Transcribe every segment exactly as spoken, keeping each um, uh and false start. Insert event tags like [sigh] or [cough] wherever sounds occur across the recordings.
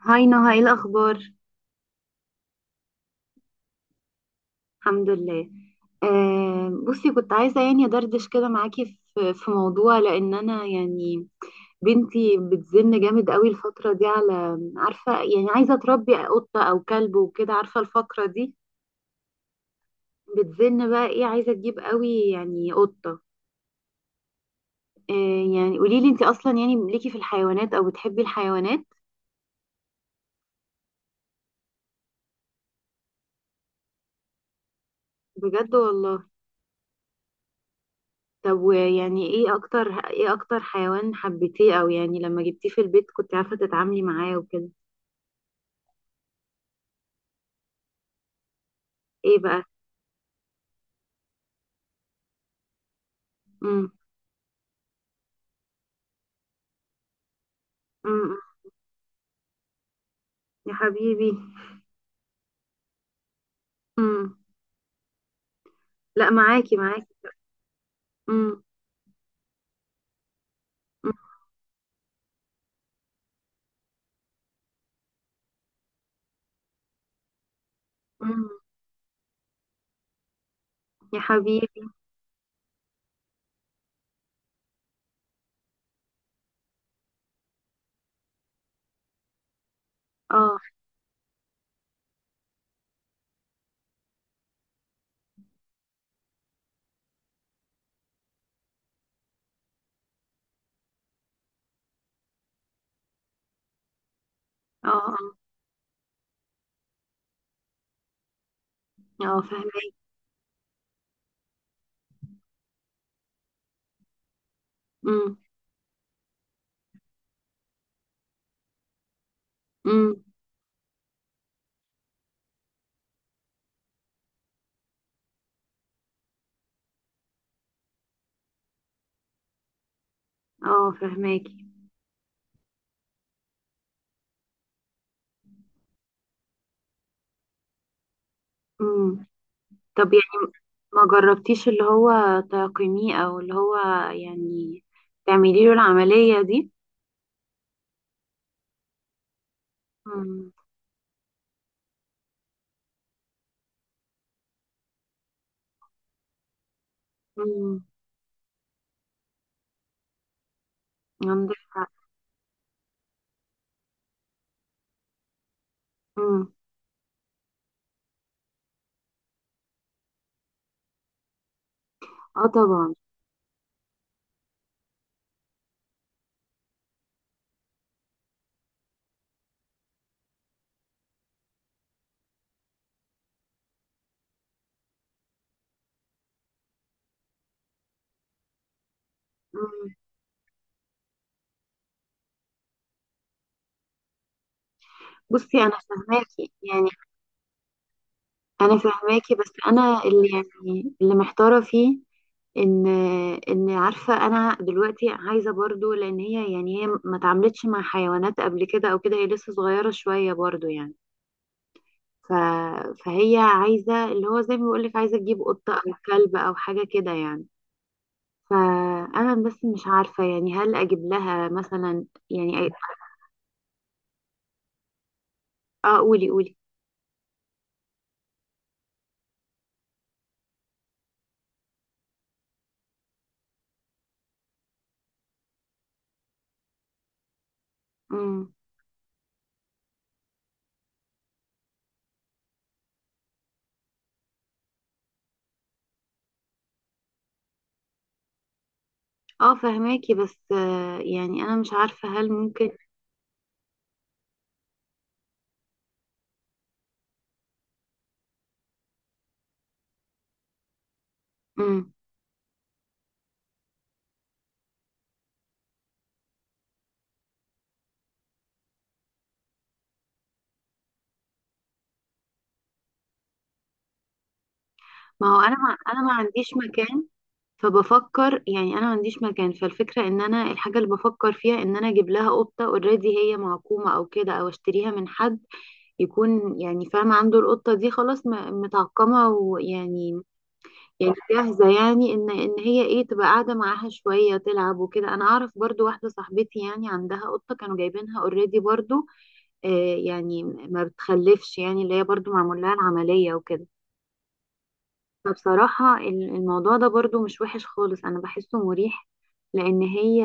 هاي نهى، ايه الاخبار؟ الحمد لله. آه بصي، كنت عايزه يعني ادردش كده معاكي في في موضوع، لان انا يعني بنتي بتزن جامد قوي الفتره دي، على عارفه يعني عايزه تربي قطه او كلب وكده، عارفه الفقره دي. بتزن بقى، ايه؟ عايزه تجيب قوي يعني قطه. آه. يعني قولي لي، انت اصلا يعني ليكي في الحيوانات او بتحبي الحيوانات؟ بجد والله؟ طب، ويعني ايه اكتر ايه اكتر حيوان حبيتيه؟ او يعني لما جبتيه في البيت كنت عارفه تتعاملي معاه وكده؟ ايه بقى؟ امم. امم. يا حبيبي. امم. لا، معاكي معاكي. امم. امم. يا حبيبي. اه. اه. اه. اه فهماكي. امم. امم. اه فهماكي. امم. طب يعني، ما جربتيش اللي هو تقيميه، او اللي هو يعني تعملي له العملية دي؟ امم. امم. عندك حق. امم. اه طبعا. امم. بصي، انا فهماكي يعني. انا فهماكي، بس انا اللي يعني اللي محتاره فيه ان ان عارفه، انا دلوقتي عايزه برضو، لان هي يعني هي ما اتعاملتش مع حيوانات قبل كده او كده، هي لسه صغيره شويه برضو يعني. ف... فهي عايزه اللي هو زي ما بقول لك، عايزه تجيب قطه او كلب او حاجه كده يعني. فانا بس مش عارفه يعني هل اجيب لها مثلا، يعني أ- اه قولي قولي. امم. اه فهماكي، بس آه، يعني انا مش عارفه هل ممكن. امم. ما هو انا ما... انا ما عنديش مكان. فبفكر يعني، انا ما عنديش مكان، فالفكره ان انا، الحاجه اللي بفكر فيها ان انا اجيب لها قطه اوريدي، هي معقومه او كده، او اشتريها من حد يكون يعني فاهم، عنده القطه دي خلاص م- متعقمه ويعني، يعني جاهزه، يعني ان ان هي ايه، تبقى قاعده معاها شويه تلعب وكده. انا اعرف برضو واحده صاحبتي يعني عندها قطه كانوا جايبينها اوريدي برضو، آه يعني ما بتخلفش يعني، اللي هي برضو معمول لها العمليه وكده. فبصراحة ال- الموضوع ده برضو مش وحش خالص، أنا بحسه مريح، لأن هي،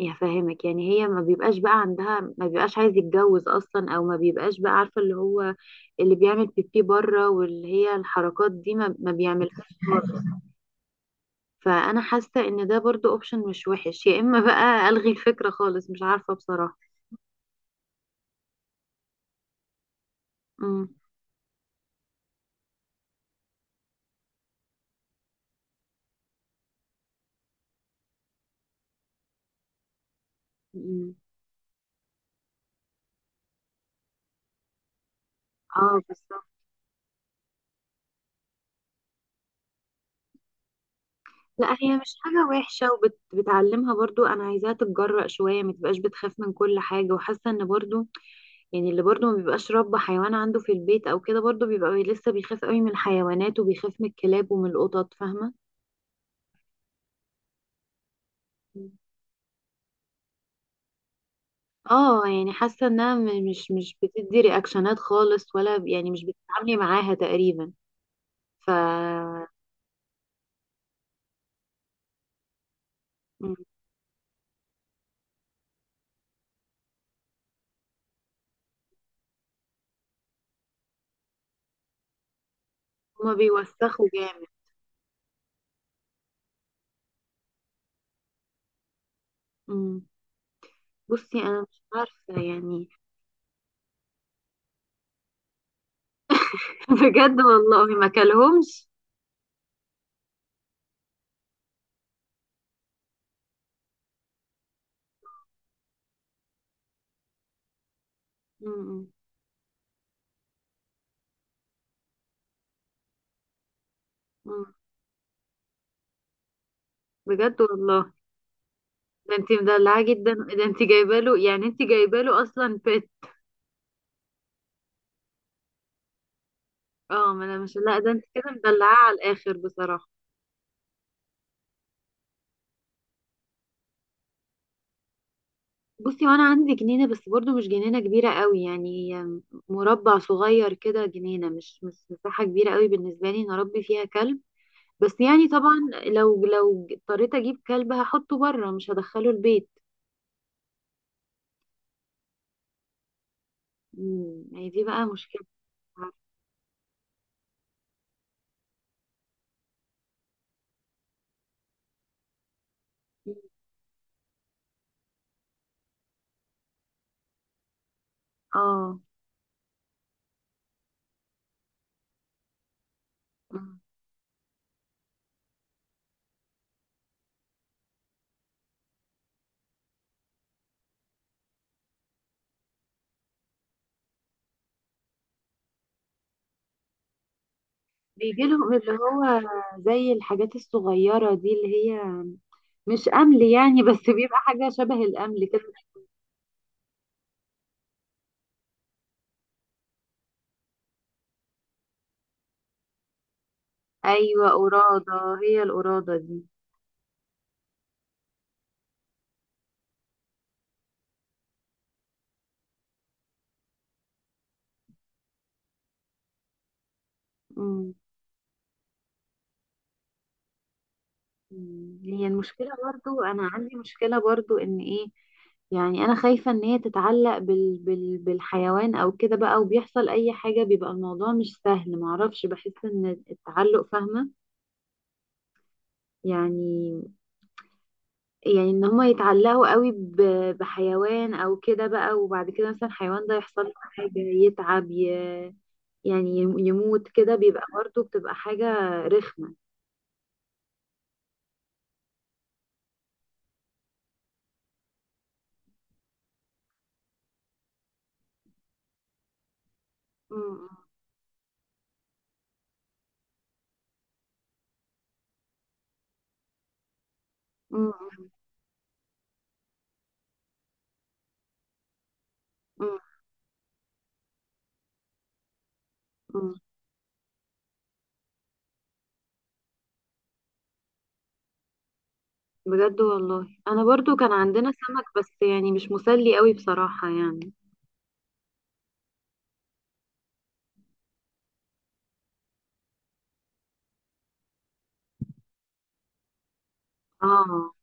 يا فاهمك يعني، هي ما بيبقاش بقى عندها، ما بيبقاش عايز يتجوز أصلا، أو ما بيبقاش بقى عارفة اللي هو اللي بيعمل بيبي بره، واللي هي الحركات دي ما, ما بيعملهاش خالص. فأنا حاسة إن ده برضو أوبشن مش وحش، يا إما بقى ألغي الفكرة خالص، مش عارفة بصراحة. امم. امم. اه بالظبط. لا، هي مش حاجة وحشة، وبتعلمها برضو، أنا عايزاها تتجرأ شوية، ما تبقاش بتخاف من كل حاجة، وحاسة إن برضو يعني اللي برضو ما بيبقاش رب حيوان عنده في البيت أو كده، برضو بيبقى لسه بيخاف قوي من الحيوانات وبيخاف من الكلاب ومن القطط، فاهمة؟ مم. اه يعني حاسة إنها م- مش مش بتدي رياكشنات خالص، ولا ب- يعني مش بتتعاملي معاها تقريبا. ف مم. هما بيوسخوا جامد. مم. بصي، أنا مش عارفة يعني. [laughs] بجد والله؟ ما كلهمش. مم. مم. بجد والله؟ ده انت مدلعاه جدا، ده انت جايبه له، يعني انت جايبه له اصلا بيت. اه ما انا مش، لا ده انت كده مدلعاه على الاخر بصراحه. بصي، وانا عندي جنينه، بس برضو مش جنينه كبيره قوي يعني، مربع صغير كده جنينه، مش مش مساحه كبيره قوي بالنسبه لي ان اربي فيها كلب. بس يعني طبعا، لو لو اضطريت اجيب كلب هحطه بره، مش هدخله البيت. امم، هي دي بقى مشكله. اه، بيجي لهم اللي هو زي الحاجات الصغيرة دي، اللي هي مش أمل يعني، بس بيبقى حاجة شبه الأمل كده. أيوة قرادة، هي القرادة دي. مم. مم. هي المشكلة، برضو أنا عندي مشكلة برضو إن إيه، يعني أنا خايفة إن هي تتعلق بال... بال... بالحيوان أو كده بقى، وبيحصل أي حاجة بيبقى الموضوع مش سهل، معرفش، بحس إن التعلق، فاهمة؟ يعني، يعني ان هما يتعلقوا قوي ب- بحيوان او كده بقى، وبعد كده مثلا الحيوان ده يحصل له حاجة، يتعب، ي... يعني يم- يموت كده، بيبقى برضه بتبقى حاجة رخمة. مم. مم. مم. مم. بجد والله؟ انا برضو كان عندنا سمك، بس يعني مش مسلي قوي بصراحة يعني. اه.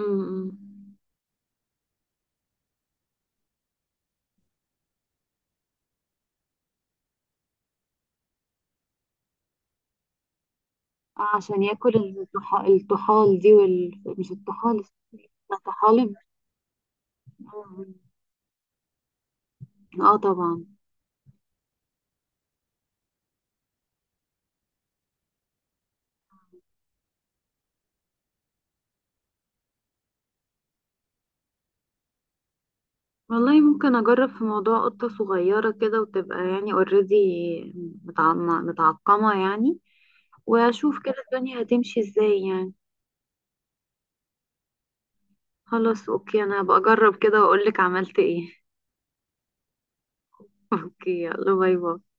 مم. اه عشان ياكل الطحا- الطحال دي وال... مش الطحال، اسمها إيه؟ الطحالب. مم. اه طبعا. والله ممكن اجرب في موضوع قطة صغيرة كده، وتبقى يعني اوريدي متعقمة يعني، واشوف كده الدنيا هتمشي ازاي يعني. خلاص اوكي، انا هبقى اجرب كده واقولك عملت ايه. [laughs] اوكي، يلا باي باي.